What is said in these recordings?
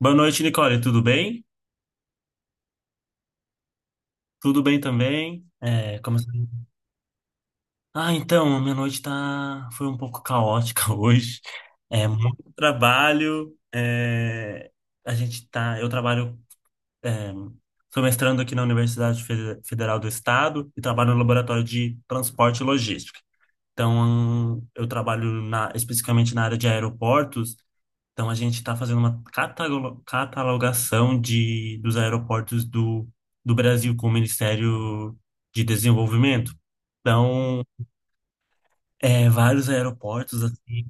Boa noite, Nicole. Tudo bem? Tudo bem também. Ah, então, a minha noite tá... foi um pouco caótica hoje. É muito trabalho. Eu trabalho... é, Sou mestrando aqui na Universidade Federal do Estado e trabalho no laboratório de transporte e logística. Então, eu trabalho na... especificamente na área de aeroportos. Então a gente está fazendo uma catalogação de, dos aeroportos do, do Brasil com o Ministério de Desenvolvimento. Então, é, vários aeroportos assim.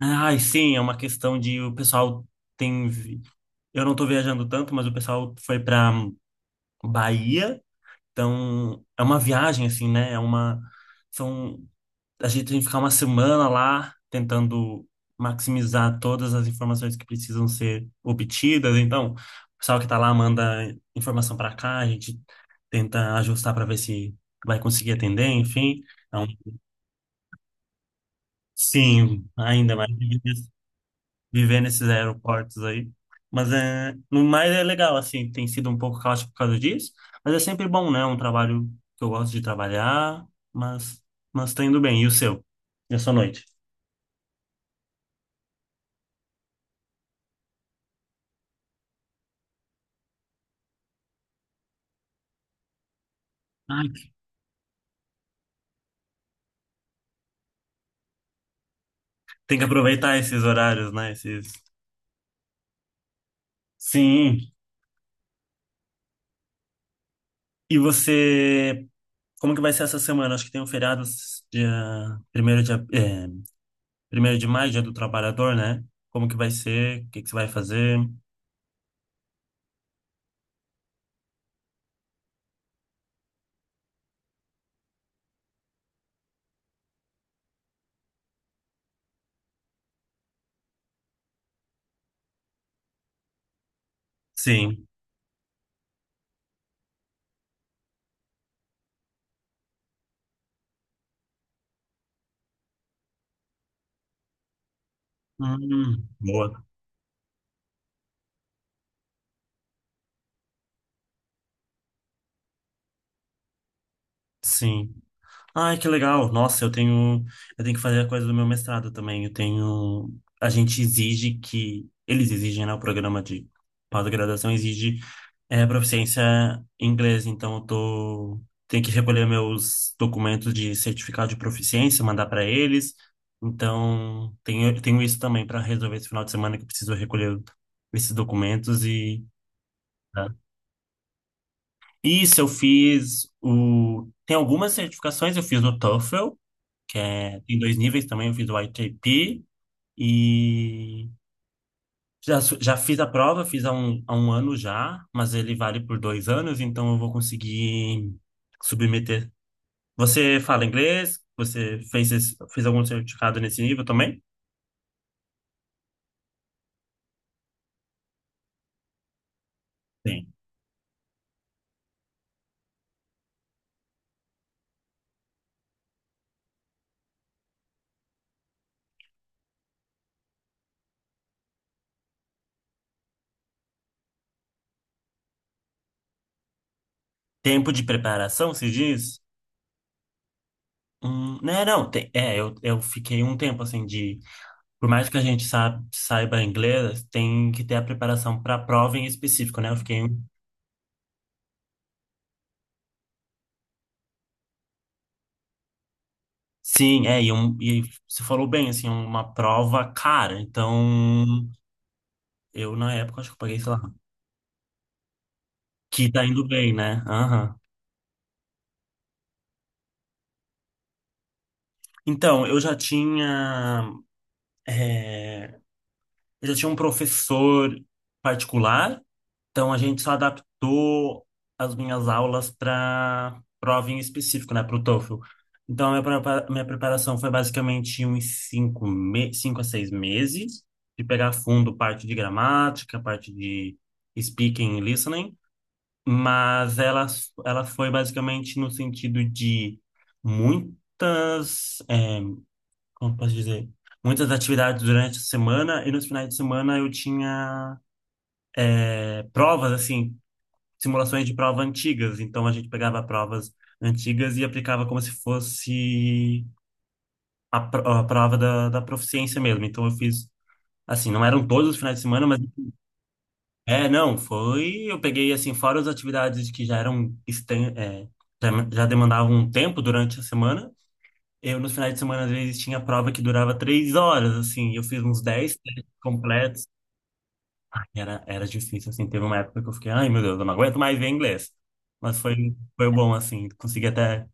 Ai, sim, é uma questão de o pessoal tem. Vi- eu não estou viajando tanto, mas o pessoal foi para Bahia. Então, é uma viagem assim, né? É uma são A gente tem que ficar uma semana lá tentando maximizar todas as informações que precisam ser obtidas. Então, o pessoal que está lá manda informação para cá, a gente tenta ajustar para ver se vai conseguir atender, enfim. Então, sim, ainda mais viver nesses aeroportos aí. Mas é, no mais é legal, assim, tem sido um pouco caótico por causa disso, mas é sempre bom, né? Um trabalho que eu gosto de trabalhar, mas mas tá indo bem. E o seu? E a sua noite? Tem que aproveitar esses horários, né? Esses... Sim. E você, como que vai ser essa semana? Acho que tem um feriado dia primeiro de, ap- é, 1º de maio, Dia do Trabalhador, né? Como que vai ser? O que que você vai fazer? Sim. Boa. Sim. Ai, que legal. Nossa, eu tenho que fazer a coisa do meu mestrado também. Eu tenho, a gente exige que, eles exigem, né, o programa de pós-graduação exige proficiência em inglês. Então, tenho que recolher meus documentos de certificado de proficiência, mandar para eles. Então, tenho isso também para resolver esse final de semana que eu preciso recolher esses documentos e... Tá. Isso, eu fiz o. Tem algumas certificações, eu fiz o TOEFL, que é, tem dois níveis também, eu fiz o ITP e já fiz a prova, fiz há um ano já, mas ele vale por dois anos, então eu vou conseguir submeter. Você fala inglês? Você fez, fez algum certificado nesse nível também? Tem. Tempo de preparação, se diz? Né, não, tem, é, eu fiquei um tempo assim de, por mais que a gente saiba inglês, tem que ter a preparação para a prova em específico, né? Eu fiquei um... Sim, é, e, um, e você falou bem, assim, uma prova cara. Então, eu na época acho que eu paguei, sei lá, que tá indo bem, né? Aham. Então, eh, eu já tinha um professor particular, então a gente só adaptou as minhas aulas para prova em específico, né, para o TOEFL. Então, a minha preparação foi basicamente uns cinco a seis meses, de pegar fundo parte de gramática, parte de speaking e listening, mas ela foi basicamente no sentido de muitas. Eh, como posso dizer, muitas atividades durante a semana e nos finais de semana eu tinha provas, assim, simulações de prova antigas. Então a gente pegava provas antigas e aplicava como se fosse a prova da proficiência mesmo. Então eu fiz, assim, não eram todos os finais de semana, mas... É, não, foi. Eu peguei, assim, fora as atividades que já eram, já demandavam um tempo durante a semana. Eu, nos finais de semana, às vezes, tinha prova que durava três horas, assim. Eu fiz uns dez testes completos. Era, era difícil, assim. Teve uma época que eu fiquei, ai meu Deus, eu não aguento mais ver inglês. Mas foi, foi bom, assim. Consegui até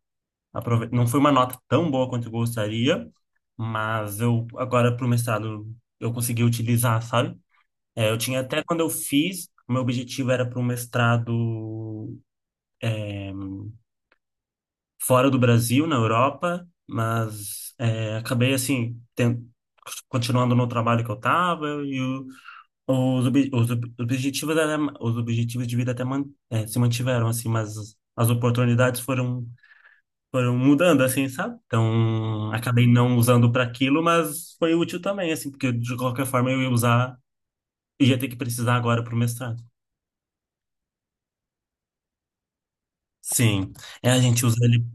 aproveitar. Não foi uma nota tão boa quanto eu gostaria, mas eu, agora pro mestrado, eu consegui utilizar, sabe? É, eu tinha até quando eu fiz, o meu objetivo era para um mestrado fora do Brasil, na Europa, mas é, acabei, assim, continuando no trabalho que eu estava. Os, obje- os ob- objetivos era, os objetivos de vida até se mantiveram, assim, mas as foram mudando, assim, sabe? Então, acabei não usando para aquilo, mas foi útil também, assim, porque de qualquer forma eu ia usar, ia ter que precisar agora para o mestrado. Sim, é, a gente usa ele.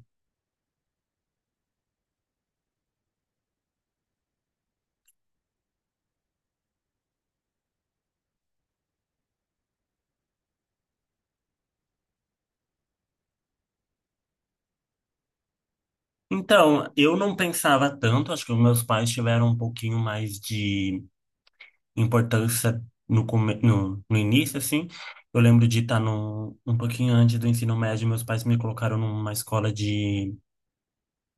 Então, eu não pensava tanto, acho que os meus pais tiveram um pouquinho mais de importância no início, assim. Eu lembro de estar no, um pouquinho antes do ensino médio, meus pais me colocaram numa escola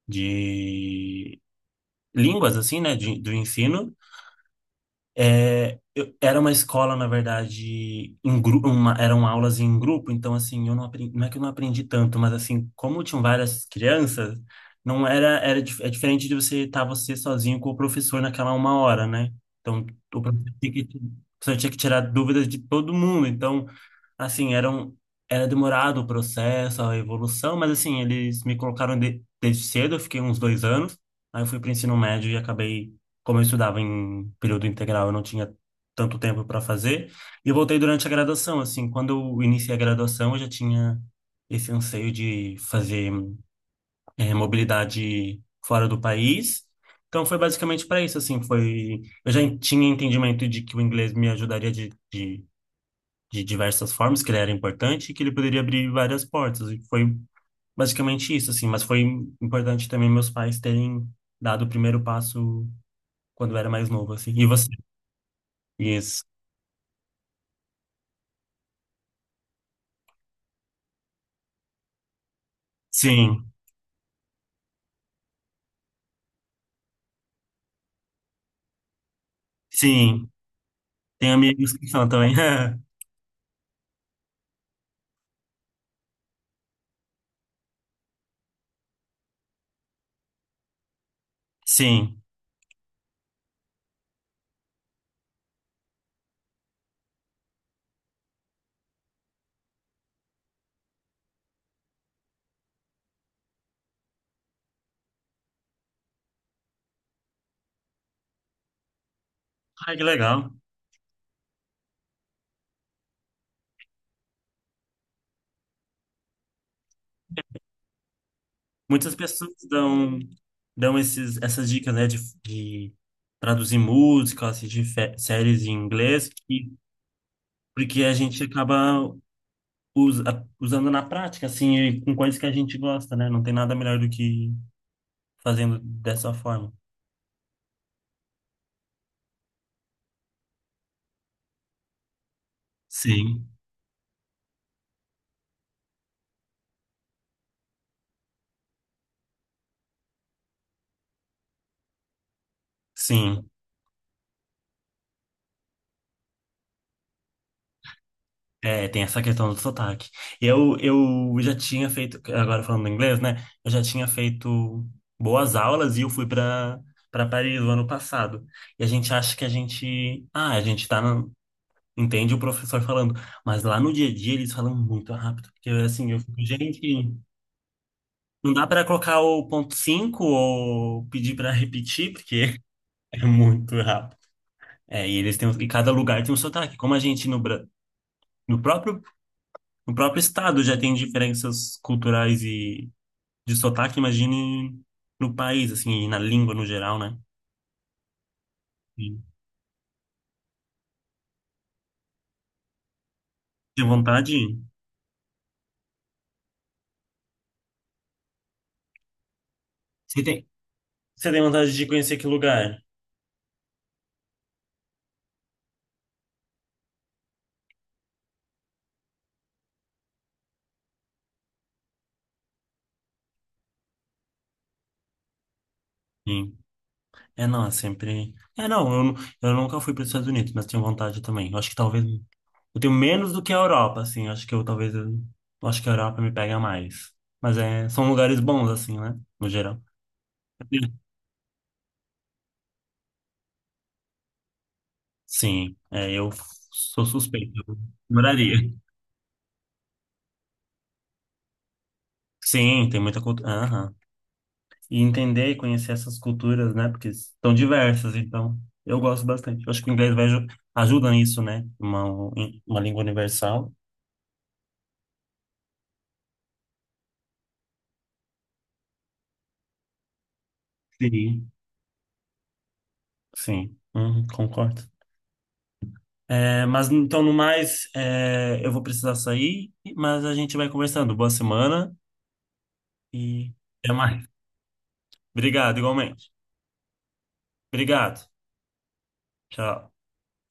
de línguas, assim, né, de, do ensino. É, era uma escola, na verdade, em grupo, eram aulas em grupo, então, assim, eu não aprendi, não é que eu não aprendi tanto, mas, assim, como tinham várias crianças, não era, era, é diferente de você estar você sozinho com o professor naquela uma hora, né? Então, o professor tinha que tirar dúvidas de todo mundo, então, assim, era demorado o processo, a evolução, mas assim, eles me colocaram desde cedo, eu fiquei uns dois anos, aí eu fui para o ensino médio e acabei, como eu estudava em período integral, eu não tinha tanto tempo para fazer, e eu voltei durante a graduação, assim, quando eu iniciei a graduação, eu já tinha esse anseio de fazer mobilidade fora do país. Então foi basicamente para isso, assim, foi... Eu já tinha entendimento de que o inglês me ajudaria de diversas formas, que ele era importante e que ele poderia abrir várias portas. E foi basicamente isso, assim. Mas foi importante também meus pais terem dado o primeiro passo quando eu era mais novo, assim. E você? Isso. Sim, sim. Tem amigos que são também. Sim. Ai, que legal. Muitas pessoas dão, dão esses, essas dicas, né, de traduzir músicas de séries em inglês, e, porque a gente acaba usando na prática, assim, e com coisas que a gente gosta, né? Não tem nada melhor do que fazendo dessa forma. Sim. Sim, é, tem essa questão do sotaque. Eu já tinha feito, agora falando inglês, né? Eu já tinha feito boas aulas e eu fui para para Paris o ano passado. E a gente acha que a gente, ah, a gente entende o professor falando, mas lá no dia a dia eles falam muito rápido, porque assim, eu fico, gente, não dá para colocar o ponto 5 ou pedir para repetir, porque é muito rápido. É, e eles têm, e cada lugar tem um sotaque. Como a gente no, no próprio, no próprio estado já tem diferenças culturais e de sotaque, imagine no país, assim, e na língua no geral, né? Sim. Tem vontade? Você tem, você tem vontade de conhecer que lugar? Sim. É, não, é sempre. É, não, eu nunca fui para os Estados Unidos, mas tenho vontade também. Eu acho que talvez. Eu tenho menos do que a Europa, assim. Acho que eu talvez. Eu, acho que a Europa me pega mais. Mas é, são lugares bons, assim, né? No geral. Sim, é, eu sou suspeito. Eu moraria. Sim, tem muita cultura. Aham. E entender e conhecer essas culturas, né? Porque são diversas, então eu gosto bastante. Eu acho que o inglês vai ajuda nisso, né? Uma língua universal. Sim. Sim, uhum, concordo. É, mas então, no mais, é, eu vou precisar sair, mas a gente vai conversando. Boa semana e até mais. Obrigado, igualmente. Obrigado. Tchau.